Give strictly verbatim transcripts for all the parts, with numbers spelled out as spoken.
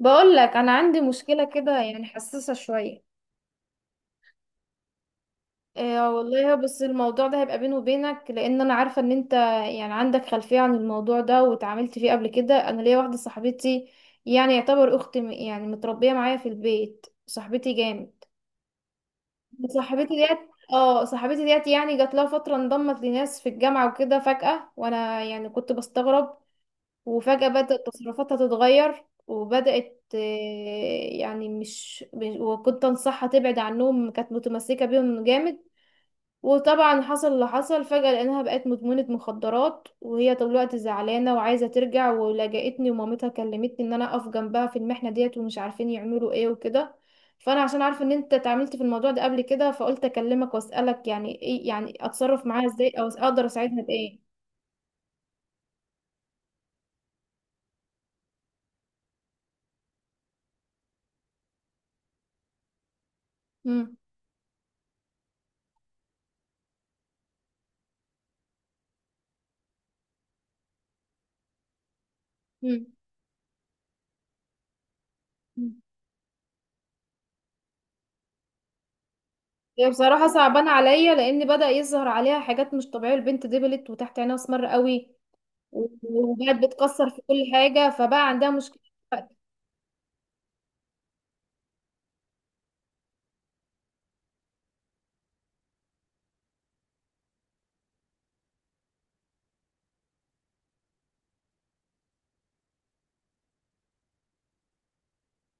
بقول لك انا عندي مشكله كده، يعني حساسه شويه. إيه والله، بس الموضوع ده هيبقى بيني وبينك لان انا عارفه ان انت يعني عندك خلفيه عن الموضوع ده واتعاملت فيه قبل كده. انا ليا واحده صاحبتي، يعني يعتبر اختي، م- يعني متربيه معايا في البيت، صاحبتي جامد. صاحبتي ديت. اه، صاحبتي ديت يعني جات لها فتره انضمت لناس في الجامعه وكده فجاه، وانا يعني كنت بستغرب. وفجأة بدأت تصرفاتها تتغير وبدأت، آه، يعني مش مش- وكنت أنصحها تبعد عنهم، كانت متمسكة بيهم جامد. وطبعا حصل اللي حصل فجأة لأنها بقت مدمنة مخدرات، وهي طول الوقت زعلانة وعايزة ترجع، ولجأتني ومامتها كلمتني إن أنا أقف جنبها في المحنة ديت، ومش عارفين يعملوا إيه وكده. فأنا عشان عارفة إن أنت اتعاملت في الموضوع ده قبل كده، فقلت أكلمك وأسألك يعني إيه، يعني أتصرف معاها إزاي، أو أقدر أساعدها بإيه. مم. مم. هي بصراحة صعبانة عليا لأن بدأ يظهر عليها حاجات مش طبيعية، البنت دبلت وتحت عينها أسمر قوي. و- وبقت بتكسر في كل حاجة، فبقى عندها مشكلة دلوقتي.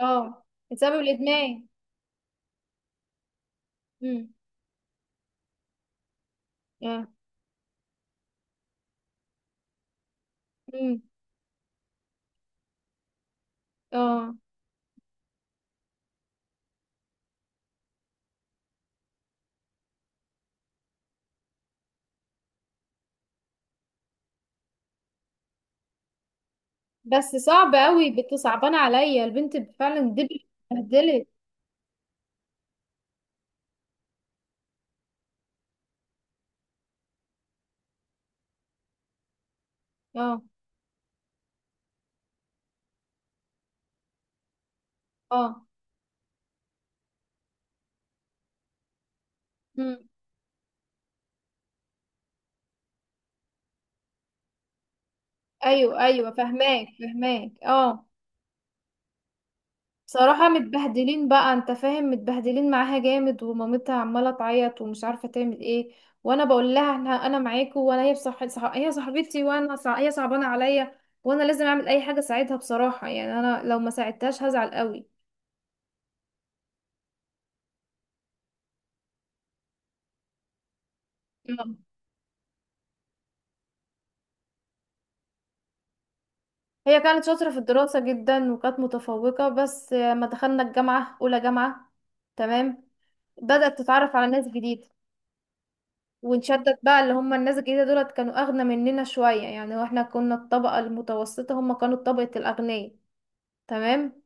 اه. بسبب الإدمان. امم. اه. امم. اه. بس صعب قوي، بت- صعبانة عليا البنت، فعلا دبلت، اتبهدلت. اه. اه. امم. أيوه أيوه، فهماك فهماك، اه. بصراحة متبهدلين بقى، انت فاهم، متبهدلين معاها جامد، ومامتها عمالة تعيط ومش عارفة تعمل ايه. وانا بقول لها انا انا معاكوا، وانا هي بصح... صح... هي صاحبتي، وانا صع... هي صعبانة عليا. وانا لازم اعمل اي حاجة اساعدها، بصراحة يعني انا لو ما ساعدتهاش هزعل قوي. مم. هي كانت شاطرة في الدراسة جدا وكانت متفوقة، بس لما دخلنا الجامعة اولى جامعة. تمام. بدأت تتعرف على ناس جديدة. ونشدد بقى اللي هم الناس الجديدة دولت كانوا أغنى مننا شوية، يعني واحنا كنا الطبقة المتوسطة، هم كانوا طبقة الأغنياء. تمام.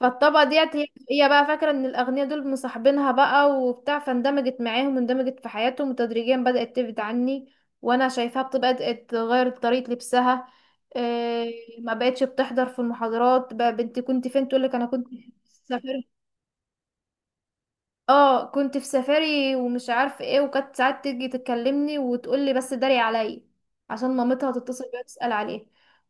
فالطبقة ديت هي هي بقى فاكرة ان الأغنياء دول مصاحبينها بقى وبتاع، فاندمجت معاهم واندمجت في حياتهم، وتدريجيا بدأت تبعد عني. وانا شايفاها بت- بدأت تغير طريقة لبسها. إيه، ما بقتش بتحضر في المحاضرات، بقى بنتي كنت فين؟ تقولك انا كنت سافرت. اه، كنت في سفاري ومش عارف ايه، وكانت ساعات تيجي تكلمني وتقولي بس داري عليا عشان مامتها تتصل بيها تسأل عليه.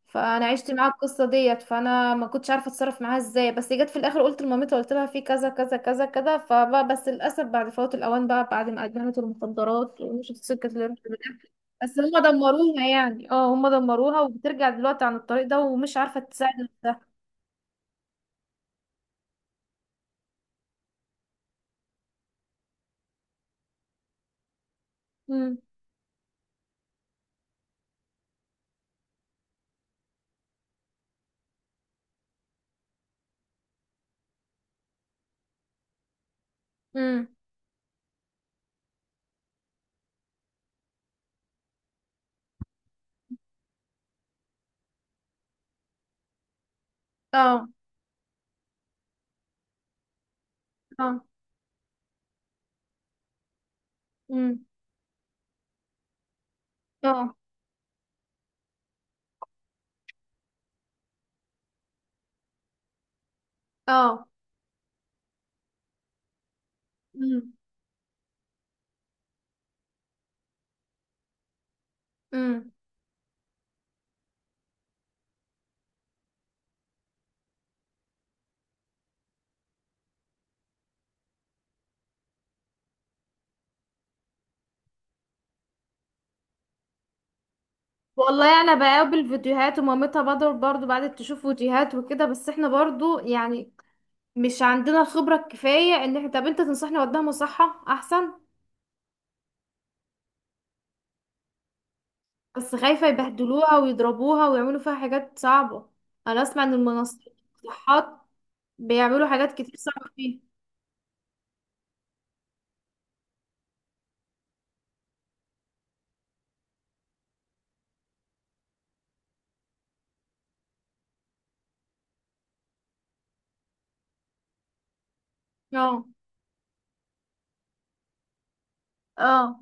فانا عشت معاها القصه ديت، فانا ما كنتش عارفه اتصرف معاها ازاي، بس جت في الاخر قلت لمامتها، قلت لها في كذا كذا كذا كذا، فبقى بس للاسف بعد فوات الاوان بقى، بعد ما ادمنت المخدرات ومشيت سكه الارهاب. بس هم دمروها، يعني اه هم دمروها، وبترجع دلوقتي عن الطريق ده ومش عارفه تساعد نفسها. امم. امم. اه. اه. امم. اه. اه. امم. امم. والله انا بقابل فيديوهات، ومامتها بدر برضو بعد تشوف فيديوهات وكده، بس احنا برضو يعني مش عندنا الخبرة الكفاية ان احنا. طب انت تنصحني اوديها مصحة احسن؟ بس خايفة يبهدلوها ويضربوها ويعملوا فيها حاجات صعبة. انا اسمع ان المنصات، المصحات، بيعملوا حاجات كتير صعبة فيها. اه. اه.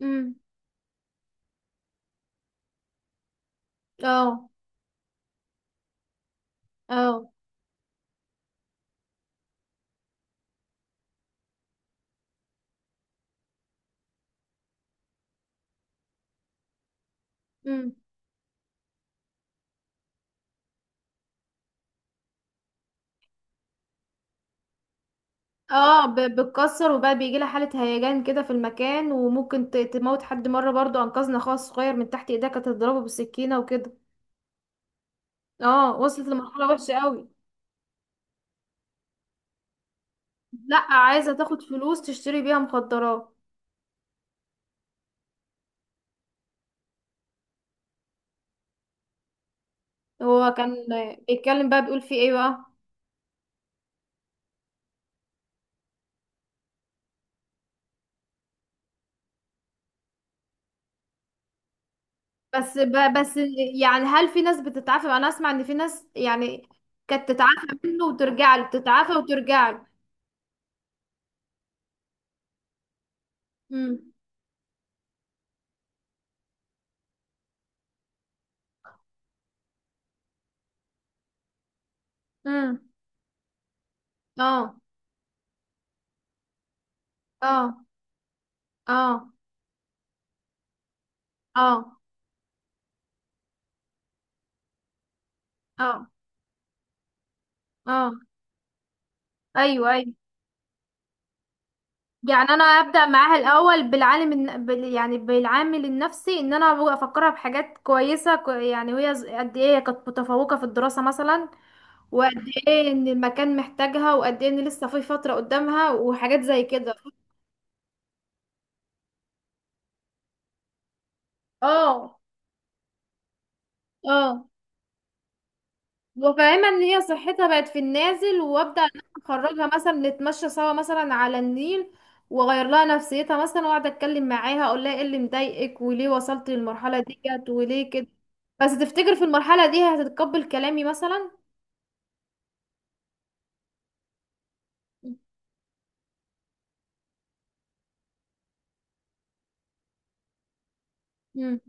امم. اه. اه. امم. اه، ب- بتكسر وبقى بيجي لها حالة هيجان كده في المكان، وممكن ت- تموت حد، مرة برضو انقذنا اخوها الصغير من تحت ايديها، كانت تضربه بالسكينة وكده. اه، وصلت لمرحلة وحشة قوي. لا، عايزة تاخد فلوس تشتري بيها مخدرات. هو كان بيتكلم بقى، بيقول في ايه بقى؟ بس ب- بس يعني هل في ناس بتتعافى؟ انا اسمع ان في ناس يعني كانت تتعافى منه وترجع له، تتعافى وترجع له. امم. امم. اه. اه. اه. اه. اه. اه. ايوه ايوه. يعني انا ابدا معاها الاول بالعالم الن- بال... يعني بالعامل النفسي، ان انا أبقى افكرها بحاجات كويسه، كو- يعني وهي ز- قد ايه هي كانت متفوقه في الدراسه مثلا، وقد ايه ان المكان محتاجها، وقد ايه ان لسه في فتره قدامها، وحاجات زي كده. اه. اه. وفاهمة ان هي صحتها بقت في النازل، وابدأ ان انا اخرجها مثلا نتمشى سوا مثلا على النيل، واغير لها نفسيتها مثلا، واقعد اتكلم معاها اقول لها ايه اللي مضايقك وليه وصلت للمرحلة ديت وليه كده. بس تفتكر في المرحلة دي هتتقبل كلامي مثلا؟ مم.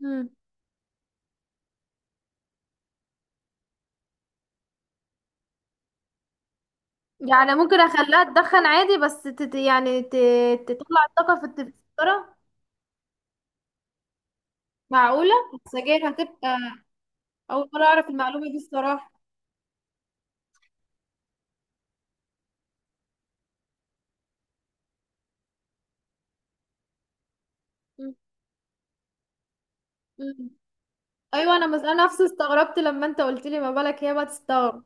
مم. يعني ممكن اخليها تدخن عادي، بس تت يعني ت... تطلع الطاقة في الت- في السيجارة؟ معقولة؟ السجاير هتبقى. اول مرة اعرف المعلومة دي الصراحة. مم. مم. ايوه، انا مس... انا نفسي استغربت لما انت قلت لي، ما بالك هي بقى تستغرب.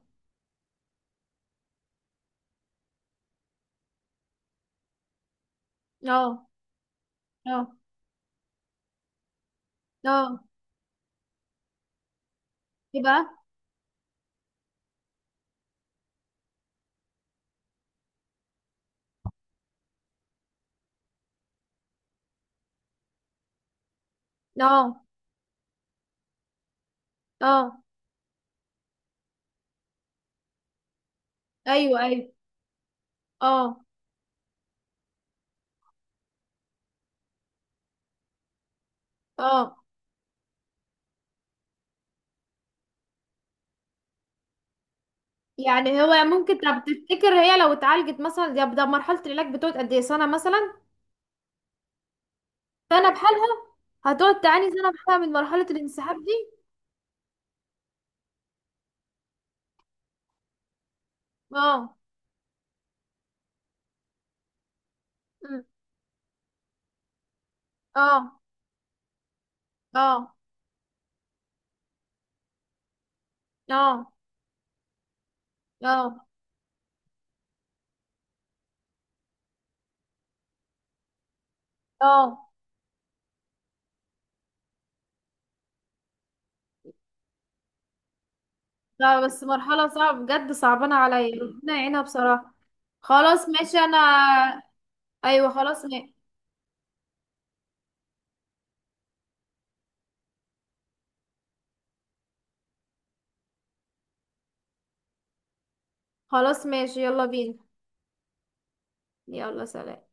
اه. اه. اه. ايه بقى؟ اه. اه. ايوه ايوه. اه. اه. يعني هو ممكن، طب تفتكر هي لو اتعالجت مثلا، ده ده مرحله العلاج بتقعد قد ايه، سنه مثلا؟ سنه بحالها؟ هتقعد تعاني سنه بحالها من مرحله الانسحاب دي؟ اه. أمم. اه. اه. اه. اه. اه. لا بس مرحله صعبه بجد، صعبانه عليا، ربنا يعينها بصراحه. خلاص ماشي انا. ايوه خلاص ماشي. خلاص ماشي، يلا بينا. يلا سلام.